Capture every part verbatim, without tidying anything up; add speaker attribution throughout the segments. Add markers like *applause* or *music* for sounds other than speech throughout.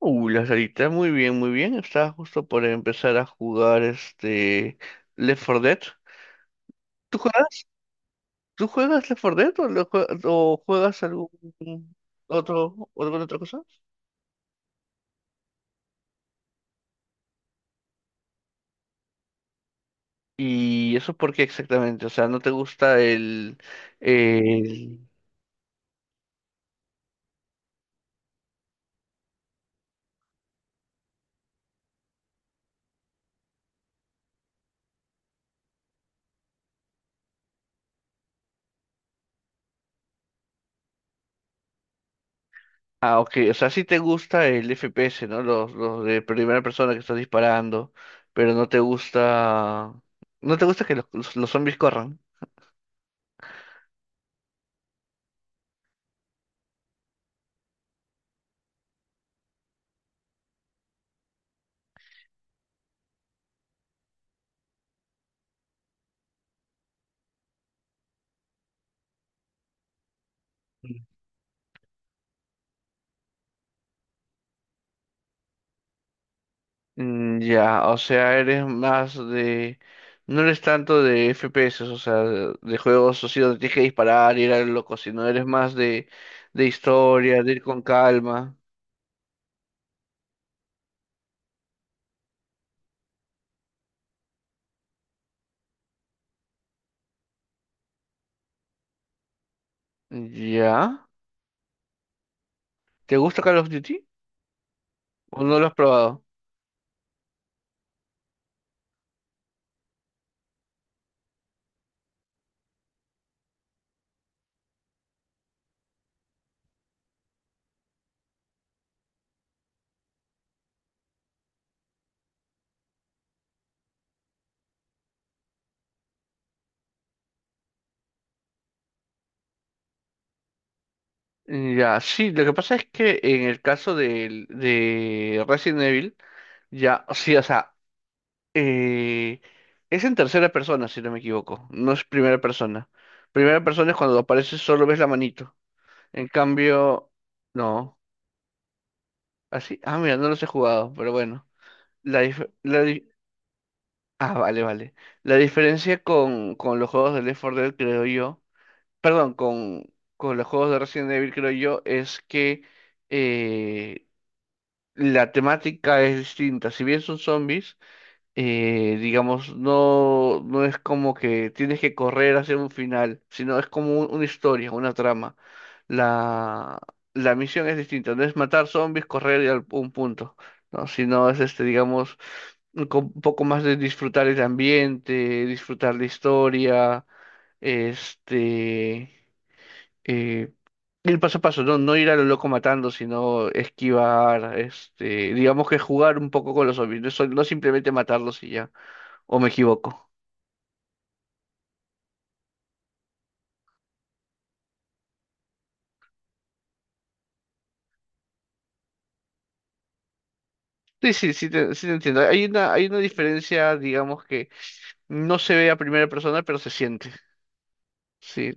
Speaker 1: Uh, la salita, muy bien, muy bien. Estaba justo por empezar a jugar este Left cuatro Dead. ¿Tú juegas? ¿Tú juegas Left cuatro Dead o, lo jue- o juegas algún otro, ¿alguna otra cosa? ¿Y eso por qué exactamente? O sea, ¿no te gusta el, el... Ah, ok, o sea, sí te gusta el F P S, ¿no? Los, los de primera persona que estás disparando, pero no te gusta. No te gusta que los, los los zombies corran. Mm, ya, o sea, eres más de. No eres tanto de F P S, o sea, de, de juegos así donde tienes que disparar, ir a loco, sino eres más de, de historia, de ir con calma. Ya. ¿Te gusta Call of Duty? ¿O no lo has probado? Ya, sí, lo que pasa es que en el caso del- de, Resident Evil, ya, sí, o sea, eh, es en tercera persona, si no me equivoco, no es primera persona. Primera persona es cuando apareces solo ves la manito. En cambio, no. Así, ah, mira, no los he jugado, pero bueno. La dif- la di- ah, vale, vale. La diferencia con, con los juegos de Left cuatro Dead, creo yo, perdón, con, con los juegos de Resident Evil, creo yo, es que eh, la temática es distinta. Si bien son zombies, eh, digamos, no, no es como que tienes que correr hacia un final, sino es como un- una historia, una trama. La, la misión es distinta, no es matar zombies, correr y al un punto, ¿no? Sino es este, digamos, un co- un poco más de disfrutar el ambiente, disfrutar la historia, este, eh, ir paso a paso, no, no ir a lo loco matando, sino esquivar, este, digamos que jugar un poco con los zombies, no, sol- no simplemente matarlos y ya. ¿O me equivoco? Sí, sí, sí te, sí te entiendo. Hay una, hay una diferencia, digamos, que no se ve a primera persona, pero se siente. Sí.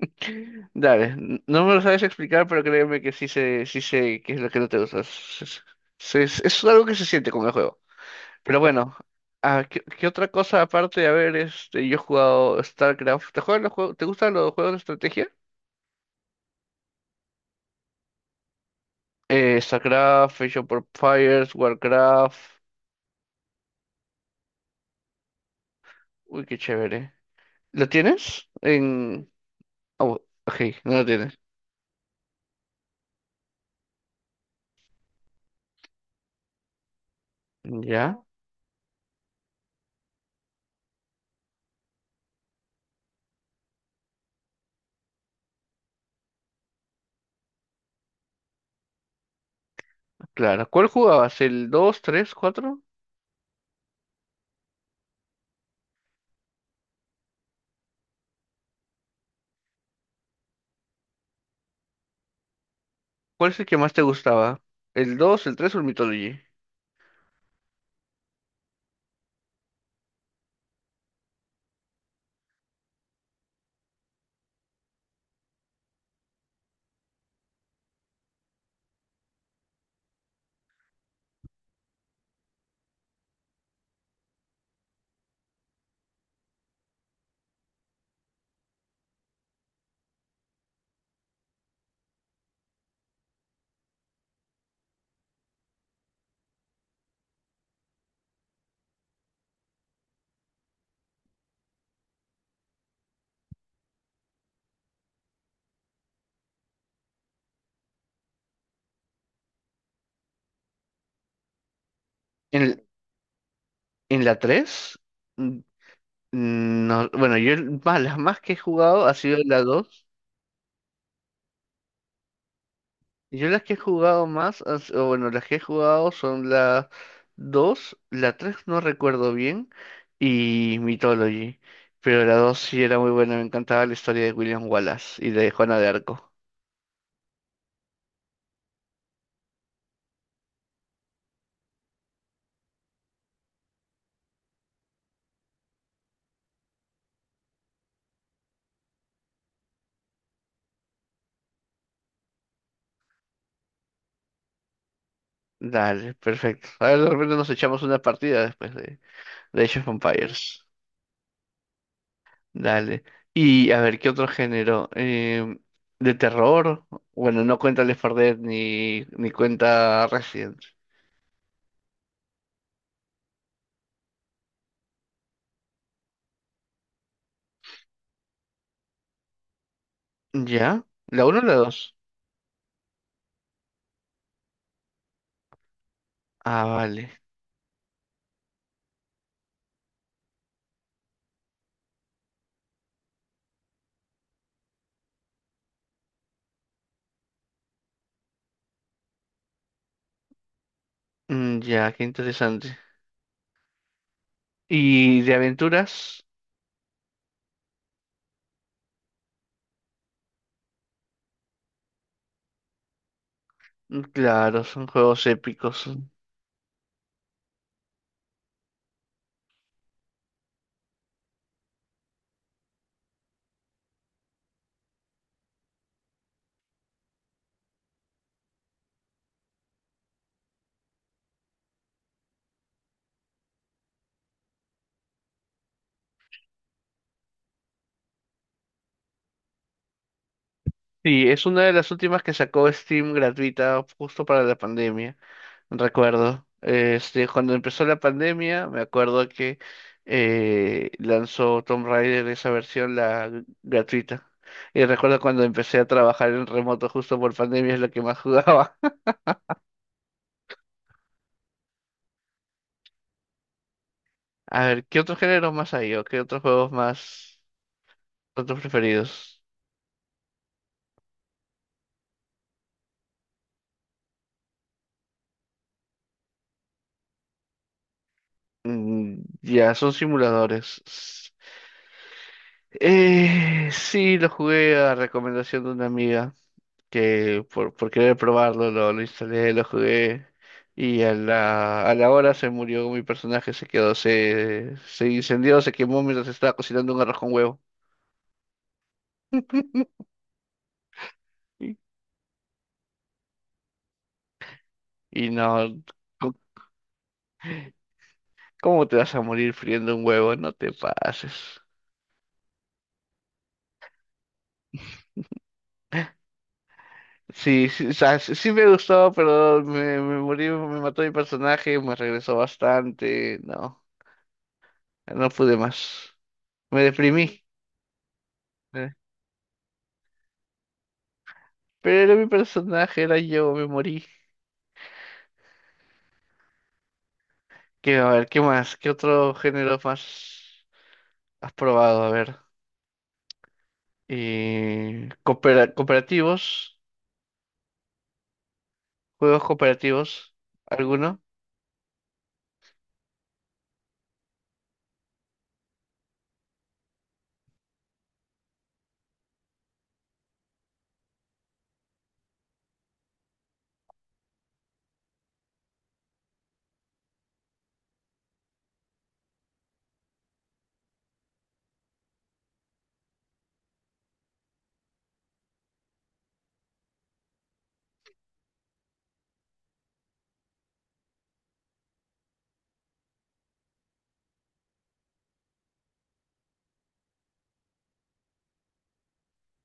Speaker 1: *laughs* Dale, n- no me lo sabes explicar, pero créeme que sí sé, sí sé qué es lo que no te gusta. Es, es- es- es algo que se siente con el juego. Pero bueno, ah, ¿qué, ¿qué otra cosa aparte de haber, este, yo he jugado StarCraft? ¿Te juegan los juegos, te gustan los juegos de estrategia? Eh, StarCraft, Age of Empires, Warcraft. Uy, qué chévere. ¿Lo tienes? En. Oh, ok, no lo tienes. Ya, claro. ¿Cuál jugabas? ¿El dos, tres, cuatro? ¿Cuál es el que más te gustaba? ¿El dos, el tres o el Mythology? ¿En, el- en la tres? Mm, no, bueno, yo el- más, las más que he jugado ha sido la dos. Yo las que he jugado más, han s- o bueno, las que he jugado son la dos, la tres no recuerdo bien, y Mythology. Pero la dos sí era muy buena, me encantaba la historia de William Wallace y de Juana de Arco. Dale, perfecto. A ver, de repente nos echamos una partida después de, de Age of Empires. Dale. Y a ver, ¿qué otro género? Em, ¿de terror? Bueno, no cuenta Left cuatro Dead ni, ni cuenta Resident. ¿Ya? ¿La uno o la dos? Ah, vale. Mm, ya, qué interesante. ¿Y de aventuras? Mm, claro, son juegos épicos. Sí, es una de las últimas que sacó Steam gratuita justo para la pandemia. Recuerdo, este, cuando empezó la pandemia, me acuerdo que eh, lanzó Tomb Raider esa versión la gr- gratuita. Y recuerdo cuando empecé a trabajar en remoto justo por pandemia es lo que más jugaba. *laughs* A ver, ¿qué otros géneros más hay o qué otros juegos más, otros preferidos? Mm, ya, son simuladores. S- Eh, sí, lo jugué a recomendación de una amiga, que por, por querer probarlo lo, lo instalé, lo jugué y a la, a la hora se murió mi personaje, se quedó, se, se incendió, se quemó mientras estaba cocinando un arroz con huevo. *laughs* Y y no, co- ¿cómo te vas a morir friendo un huevo? No te pases. Sí, sí, o sea, sí sí me gustó, pero me, me morí, me mató mi personaje, me regresó bastante, no, no pude más, me deprimí. eh, Pero era mi personaje, era yo, me morí. Que, a ver, ¿qué más? ¿Qué otro género más has probado? A ver. Eh, coopera- cooperativos, juegos cooperativos, ¿alguno?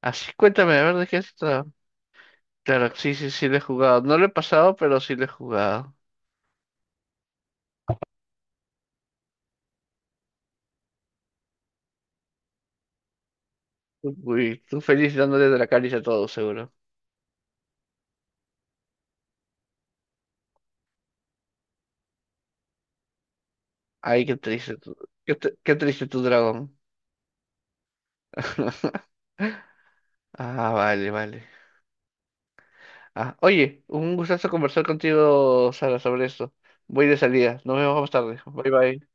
Speaker 1: Así, cuéntame, a ver, ¿de qué se trata? Claro, sí, sí, sí, lo he jugado. No lo he pasado, pero sí lo he jugado. Uy, tú feliz dándole de la caricia a todos seguro. Ay, qué triste tu, qué, tr- qué triste tu dragón. *laughs* Ah, vale, vale. Ah, oye, un gustazo conversar contigo, Sara, sobre esto. Voy de salida. Nos vemos más tarde. Bye, bye.